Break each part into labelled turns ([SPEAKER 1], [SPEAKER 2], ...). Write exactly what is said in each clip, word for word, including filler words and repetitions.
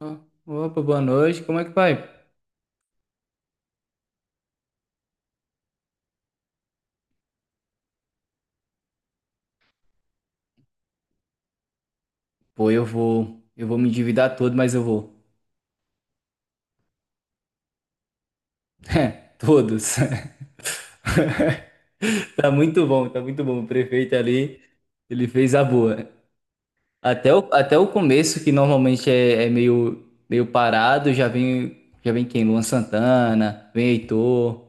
[SPEAKER 1] Ó, opa, boa noite. Como é que vai? Pô, eu vou, eu vou me endividar todo, mas eu vou. É, todos. Tá muito bom, tá muito bom. O prefeito ali, ele fez a boa. Até o, até o começo, que normalmente é, é meio, meio parado, já vem, já vem quem? Luan Santana, vem Heitor.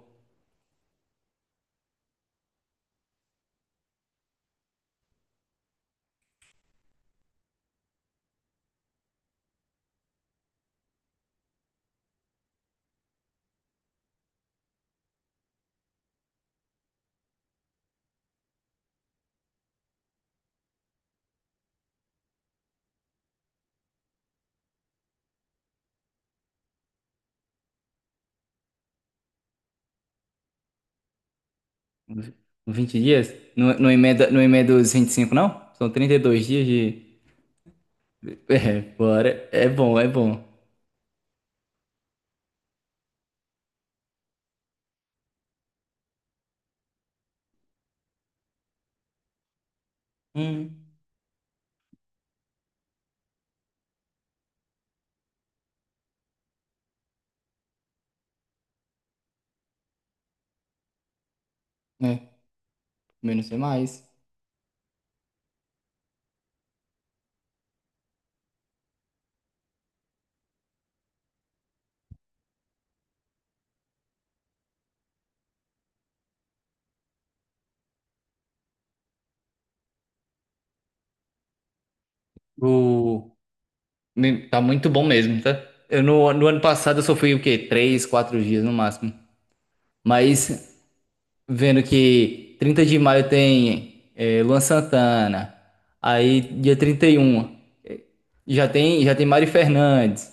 [SPEAKER 1] Uns vinte dias? Não, não emenda, não emenda os vinte e cinco, não? São trinta e dois dias de... É, bora. É bom, é bom. Hum, é. Também não sei mais. O... me- Tá muito bom mesmo, tá? Eu no, no ano passado eu só fui o quê? Três, quatro dias no máximo. Mas vendo que trinta de maio tem é, Luan Santana, aí dia trinta e um é, já tem, já tem Mário Fernandes,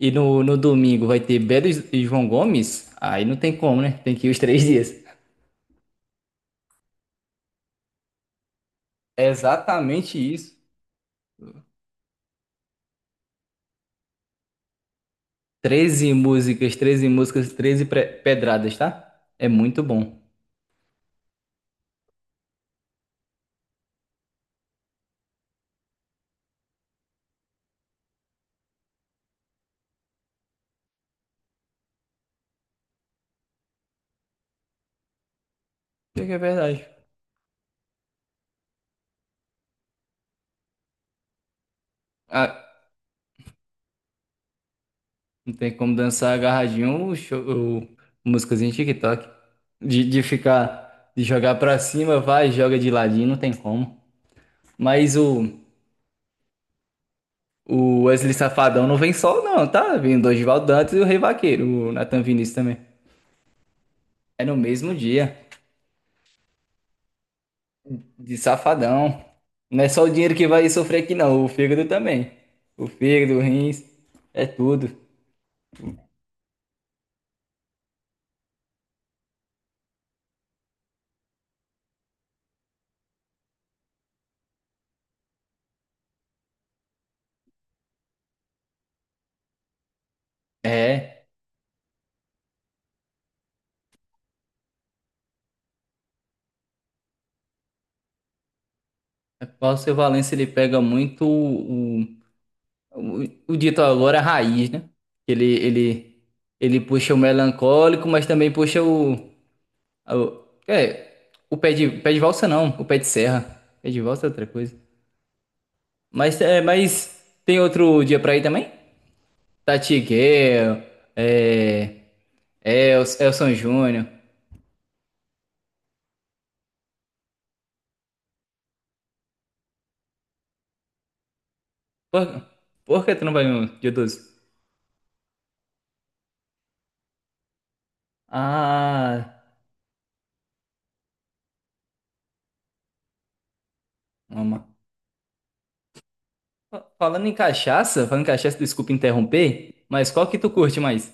[SPEAKER 1] e no, no domingo vai ter Belo e João Gomes, aí não tem como, né? Tem que ir os três dias. É exatamente isso. Treze músicas, treze músicas, treze pre- pedradas, tá? É muito bom. Isso que é verdade. Ah, não tem como dançar agarradinho o show, o- músicas em TikTok. De, de ficar, de jogar pra cima, vai, joga de ladinho, não tem como. Mas o, o Wesley Safadão não vem só, não, tá? Vem o Dorival Dantas e o Rei Vaqueiro, o Nathan Vinícius também. É no mesmo dia, de Safadão. Não é só o dinheiro que vai sofrer aqui, não, o fígado também. O fígado, o rins, é tudo. É, o Paulo Silva Valença, ele pega muito o, O, o dito agora é raiz, né? Ele, ele, ele puxa o melancólico, mas também puxa o, o- é, o pé de, pé de valsa não, o pé de serra. Pé de valsa é outra coisa. Mas, é, mas tem outro dia pra ir também? Tati Guerra, é, El- Elson Júnior. Por, por que tu não vai no dia doze? Ah, mama. Fa- Falando em cachaça, falando em cachaça, desculpa interromper, mas qual que tu curte mais?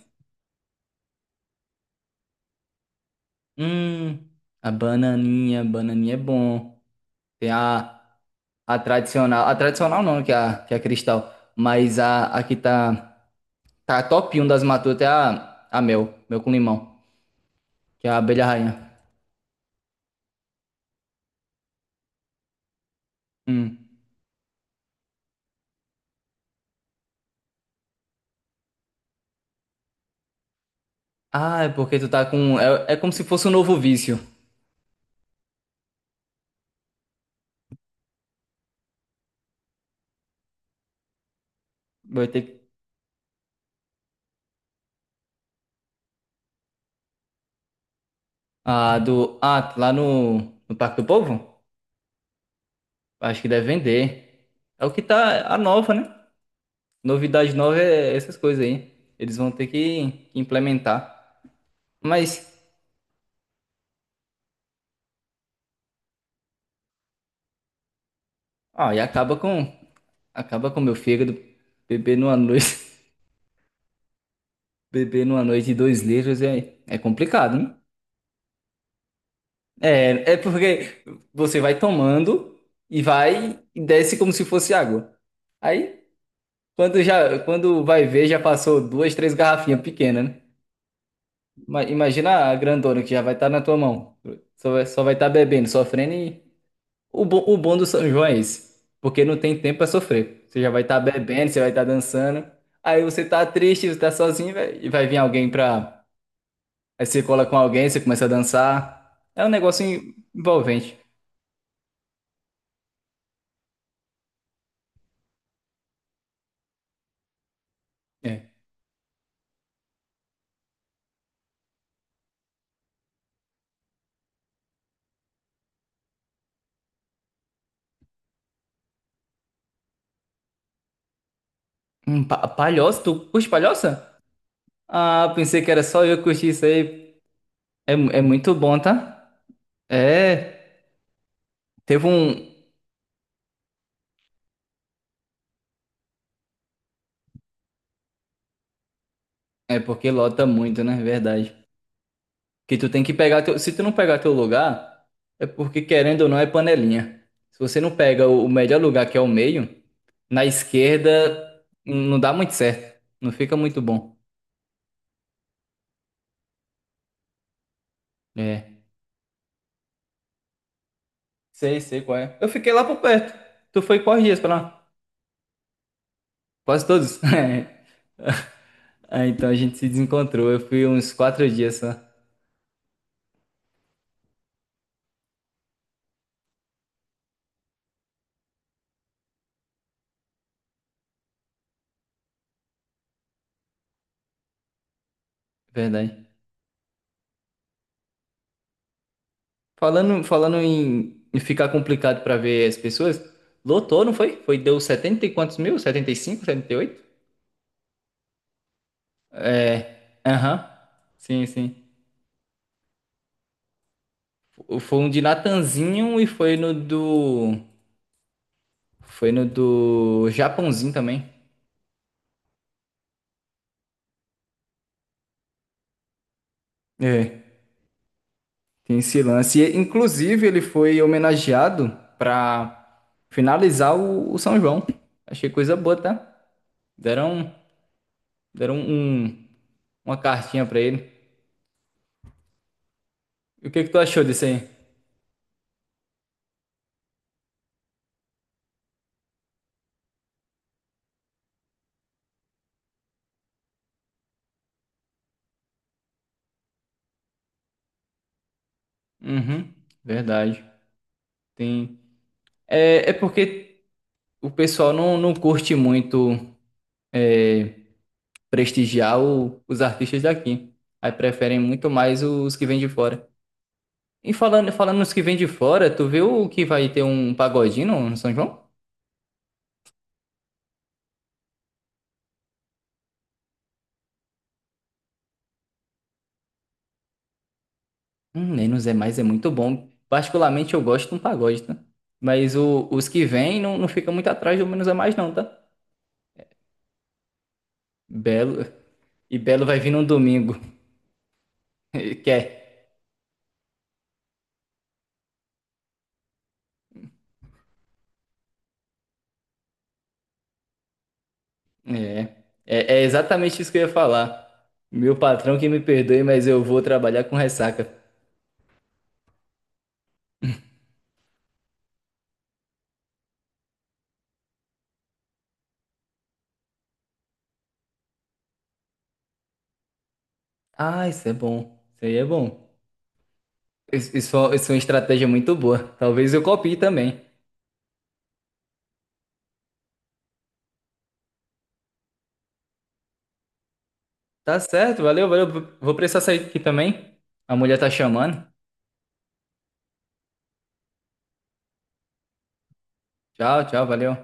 [SPEAKER 1] Hum, a bananinha, bananinha é bom. Tem a, a tradicional, a tradicional não, que é a, que é a cristal, mas a, a que tá, tá top um das matutas é a, a mel, mel com limão, que é a abelha rainha. Hum. Ah, é porque tu tá com, é, é como se fosse um novo vício. Vai ter que- Ah, do, ah, lá no, no Parque do Povo? Acho que deve vender. É o que tá, a nova, né? Novidade nova é essas coisas aí. Eles vão ter que implementar. Mas... Ah, e acaba com acaba com meu fígado. Beber numa noite, beber numa noite de dois litros é, é complicado, né? É, é porque você vai tomando e vai e desce como se fosse água. Aí, quando já quando vai ver, já passou duas, três garrafinhas pequenas, né? Ima- Imagina a grandona que já vai estar na tua mão. Só vai, só vai estar bebendo, sofrendo. E O bom, o bom do São João é esse, porque não tem tempo pra sofrer. Você já vai estar bebendo, você vai estar dançando. Aí você tá triste, você tá sozinho, vai- e vai vir alguém pra... Aí você cola com alguém, você começa a dançar. É um negócio en- envolvente. É. Hum, pa- palhoça? Tu curte palhoça? Ah, pensei que era só eu que curti isso aí. É, mu- é muito bom, tá? É. Teve um. É porque lota muito, né? Verdade. Que tu tem que pegar teu, se tu não pegar teu lugar, é porque querendo ou não é panelinha. Se você não pega o o melhor lugar, que é o meio, na esquerda n- não dá muito certo, não fica muito bom. É. Sei, sei qual é. Eu fiquei lá por perto. Tu foi quais dias pra lá? Quase todos. É. Ah, então a gente se desencontrou. Eu fui uns quatro dias só. Verdade. Falando, falando em, em ficar complicado pra ver as pessoas, lotou, não foi? Foi, deu setenta e quantos mil? Setenta, setenta e cinco, setenta e oito. É. Aham. Sim, sim. Fo- Foi um de Natanzinho e foi no do... Foi no do Japãozinho também. É. Tem esse lance. E, inclusive, ele foi homenageado pra finalizar o, o São João. Achei coisa boa, tá? Deram, deram um, uma cartinha pra ele. E o que que tu achou disso aí? Uhum, verdade. Tem. É, é porque o pessoal não, não curte muito. Prestigiar o- os artistas daqui. Aí preferem muito mais os que vêm de fora. E falando, falando nos que vêm de fora, tu viu que vai ter um pagodinho no no São João? Hum, nem nos é mais, é muito bom. Particularmente eu gosto de um pagode, tá? Mas o- os que vêm não, não fica muito atrás do menos é mais, não, tá? Belo. E Belo vai vir num domingo. Quer? É. É, é exatamente isso que eu ia falar. Meu patrão que me perdoe, mas eu vou trabalhar com ressaca. Ah, isso é bom. Isso aí é bom. Isso, isso é isso é uma estratégia muito boa. Talvez eu copie também. Tá certo, valeu, valeu. Vou precisar sair aqui também. A mulher tá chamando. Tchau, tchau, valeu.